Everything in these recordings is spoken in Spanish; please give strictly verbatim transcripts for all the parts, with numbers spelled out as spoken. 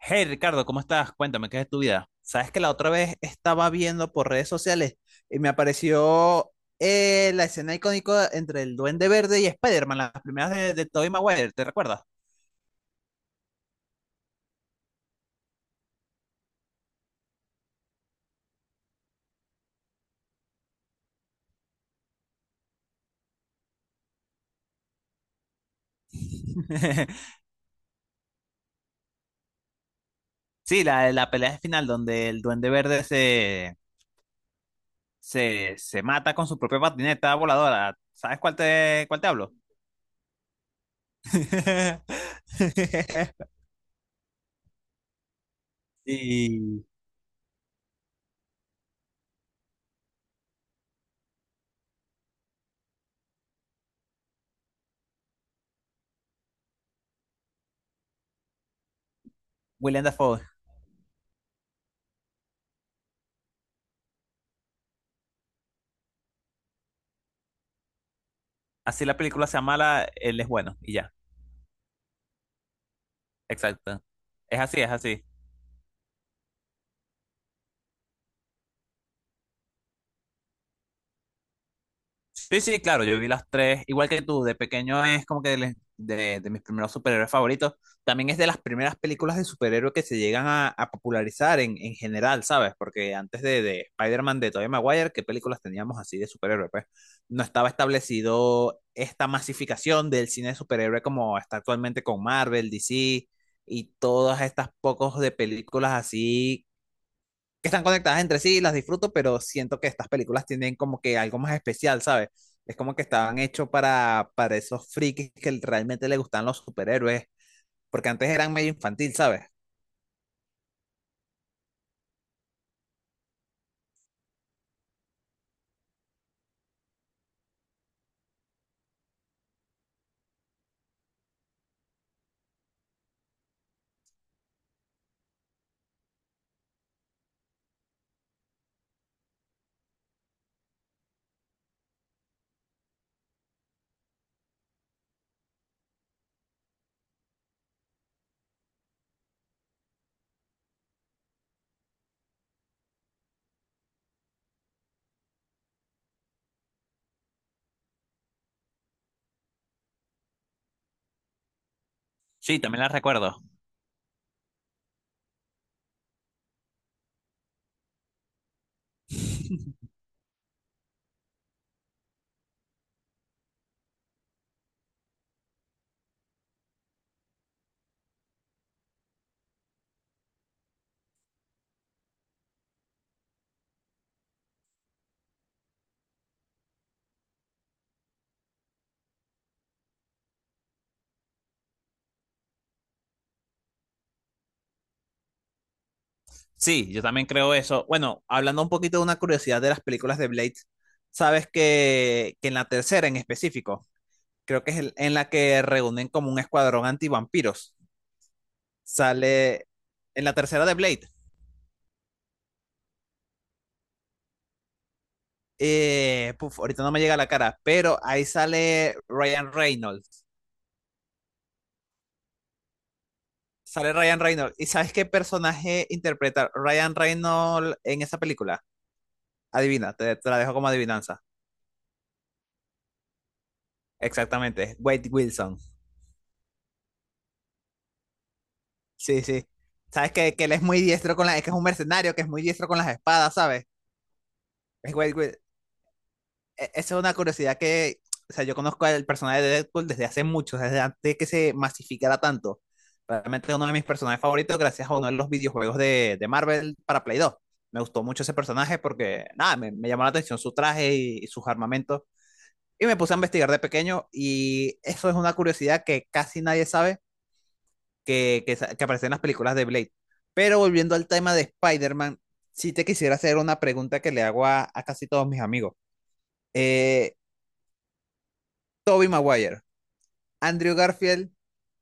Hey Ricardo, ¿cómo estás? Cuéntame, ¿qué es de tu vida? Sabes que la otra vez estaba viendo por redes sociales y me apareció eh, la escena icónica entre el Duende Verde y Spider-Man, las primeras de, de Tobey Maguire, ¿te recuerdas? Sí, la, la pelea final donde el Duende Verde se, se, se mata con su propia patineta voladora. ¿Sabes cuál te, cuál te hablo? Y Willem Dafoe. Así la película se llama la- Él es bueno y ya. Exacto. Es así, es así. Sí, sí, claro, yo vi las tres, igual que tú, de pequeño es como que de, de- de mis primeros superhéroes favoritos. También es de las primeras películas de superhéroes que se llegan a, a popularizar en, en general, ¿sabes? Porque antes de, de Spider-Man de Tobey Maguire, ¿qué películas teníamos así de superhéroes? Pues no estaba establecido esta masificación del cine de superhéroe como está actualmente con Marvel, D C y todas estas pocos de películas así que están conectadas entre sí, las disfruto, pero siento que estas películas tienen como que algo más especial, ¿sabes? Es como que estaban hechos para, para esos frikis que realmente le gustan los superhéroes, porque antes eran medio infantil, ¿sabes? Sí, también las recuerdo. Sí, yo también creo eso. Bueno, hablando un poquito de una curiosidad de las películas de Blade, sabes que, que en la tercera en específico, creo que es el- en la que reúnen como un escuadrón antivampiros, sale en la tercera de Blade, eh, puf, ahorita no me llega a la cara, pero ahí sale Ryan Reynolds. Sale Ryan Reynolds. ¿Y sabes qué personaje interpreta Ryan Reynolds en esa película? Adivina, te, te la dejo como adivinanza. Exactamente, Wade Wilson. Sí, sí. ¿Sabes que, que él es muy diestro con la... Es que es un mercenario que es muy diestro con las espadas, ¿sabes? Es Wade Wil- e- esa es una curiosidad que, o sea, yo conozco al personaje de Deadpool desde hace mucho, desde antes que se masificara tanto. Realmente es uno de mis personajes favoritos gracias a uno de los videojuegos de, de Marvel para Play dos. Me gustó mucho ese personaje porque, nada, me, me llamó la atención su traje y, y sus armamentos. Y me puse a investigar de pequeño y eso es una curiosidad que casi nadie sabe que, que, que aparece en las películas de Blade. Pero volviendo al tema de Spider-Man, sí te quisiera hacer una pregunta que le hago a, a casi todos mis amigos. Eh, Tobey Maguire, Andrew Garfield,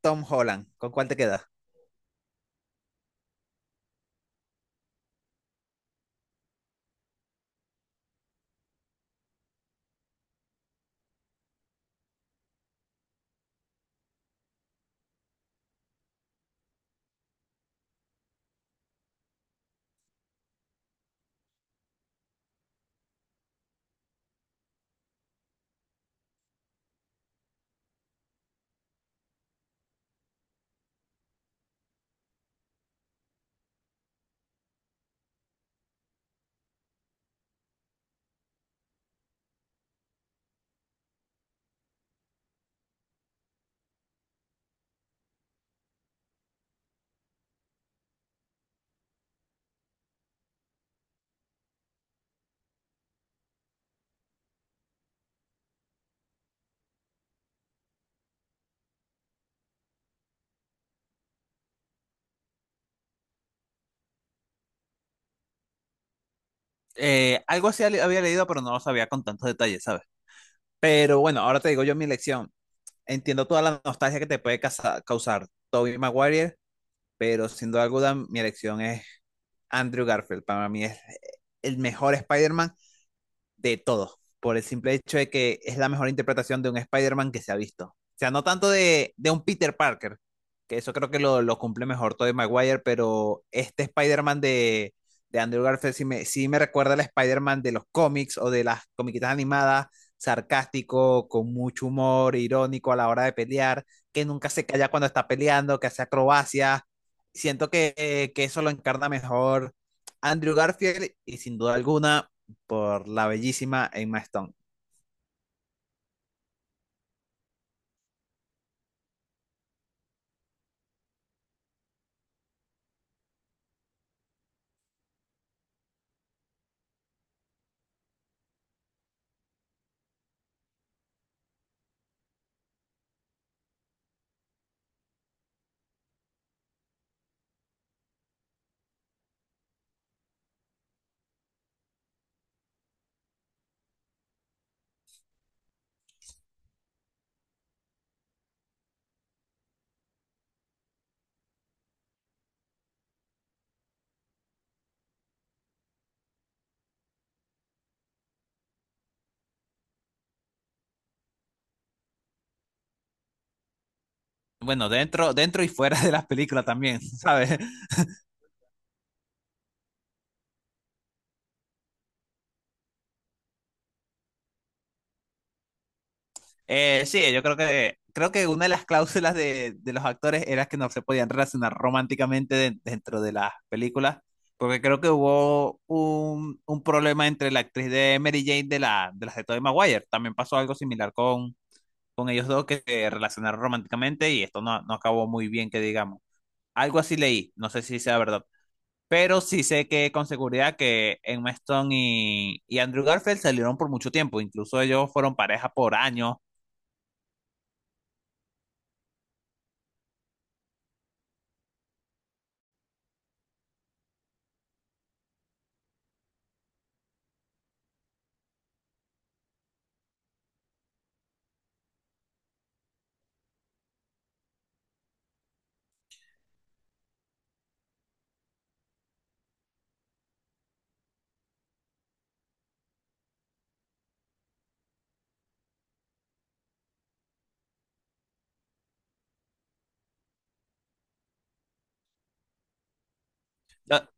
Tom Holland. ¿Con cuál te quedas? Eh, algo así había leído, pero no lo sabía con tantos detalles, ¿sabes? Pero bueno, ahora te digo yo mi elección. Entiendo toda la nostalgia que te puede casa- causar Tobey Maguire, pero sin duda alguna mi elección es Andrew Garfield. Para mí es el mejor Spider-Man de todo, por el simple hecho de que es la mejor interpretación de un Spider-Man que se ha visto. O sea, no tanto de, de un Peter Parker, que eso creo que lo, lo cumple mejor Tobey Maguire, pero este Spider-Man de, de Andrew Garfield sí me, sí me recuerda al Spider-Man de los cómics o de las comiquitas animadas, sarcástico, con mucho humor, irónico a la hora de pelear, que nunca se calla cuando está peleando, que hace acrobacias. Siento que, eh, que eso lo encarna mejor Andrew Garfield y sin duda alguna por la bellísima Emma Stone. Bueno, dentro, dentro y fuera de las películas también, ¿sabes? Eh, sí, yo creo que, creo que una de las cláusulas de, de los actores era que no se podían relacionar románticamente de- dentro de las películas, porque creo que hubo un, un problema entre la actriz de Mary Jane de, la, de las de Tobey Maguire. También pasó algo similar con, con ellos dos que se relacionaron románticamente y esto no, no acabó muy bien, que digamos. Algo así leí, no sé si sea verdad. Pero sí sé que con seguridad que Emma Stone y, y Andrew Garfield salieron por mucho tiempo. Incluso ellos fueron pareja por años. Lo-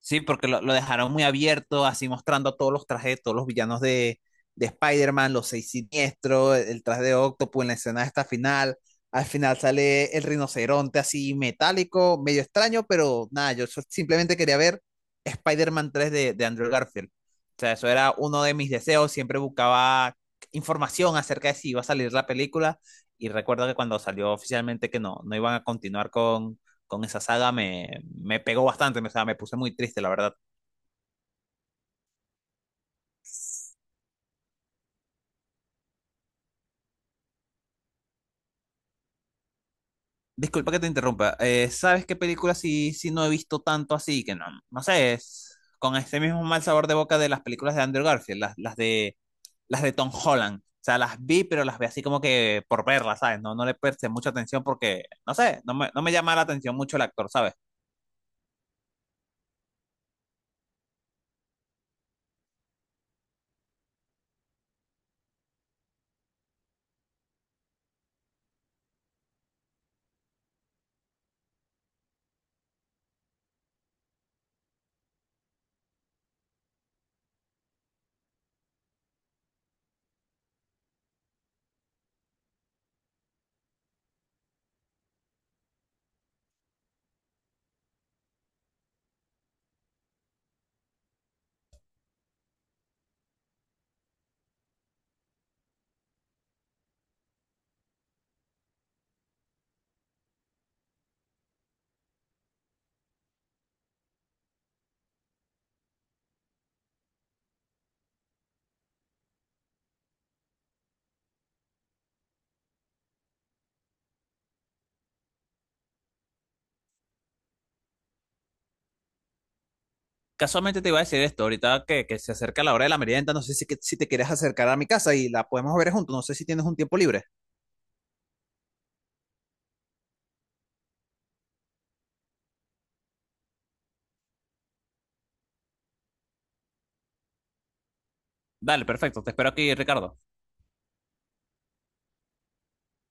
Sí, porque lo, lo dejaron muy abierto, así mostrando a todos los trajes, todos los villanos de, de Spider-Man, los seis siniestros, el, el traje de Octopus en la escena de esta final. Al final sale el rinoceronte así metálico, medio extraño, pero nada, yo so- simplemente quería ver Spider-Man tres de, de Andrew Garfield. O sea, eso era uno de mis deseos, siempre buscaba información acerca de si iba a salir la película y recuerdo que cuando salió oficialmente que no, no iban a continuar con esa saga me, me pegó bastante, me, o sea, me puse muy triste, la verdad. Disculpa que te interrumpa, eh, ¿sabes qué película sí, sí no he visto tanto así? Que no, no sé, es con ese mismo mal sabor de boca de las películas de Andrew Garfield, las, las de, las de Tom Holland. O sea, las vi, pero las vi así como que por verlas, ¿sabes? No, no le presté mucha atención porque, no sé, no me, no me llama la atención mucho el actor, ¿sabes? Casualmente te iba a decir esto, ahorita que, que se acerca la hora de la merienda, no sé si, que- si te quieres acercar a mi casa y la podemos ver juntos, no sé si tienes un tiempo libre. Dale, perfecto, te espero aquí, Ricardo.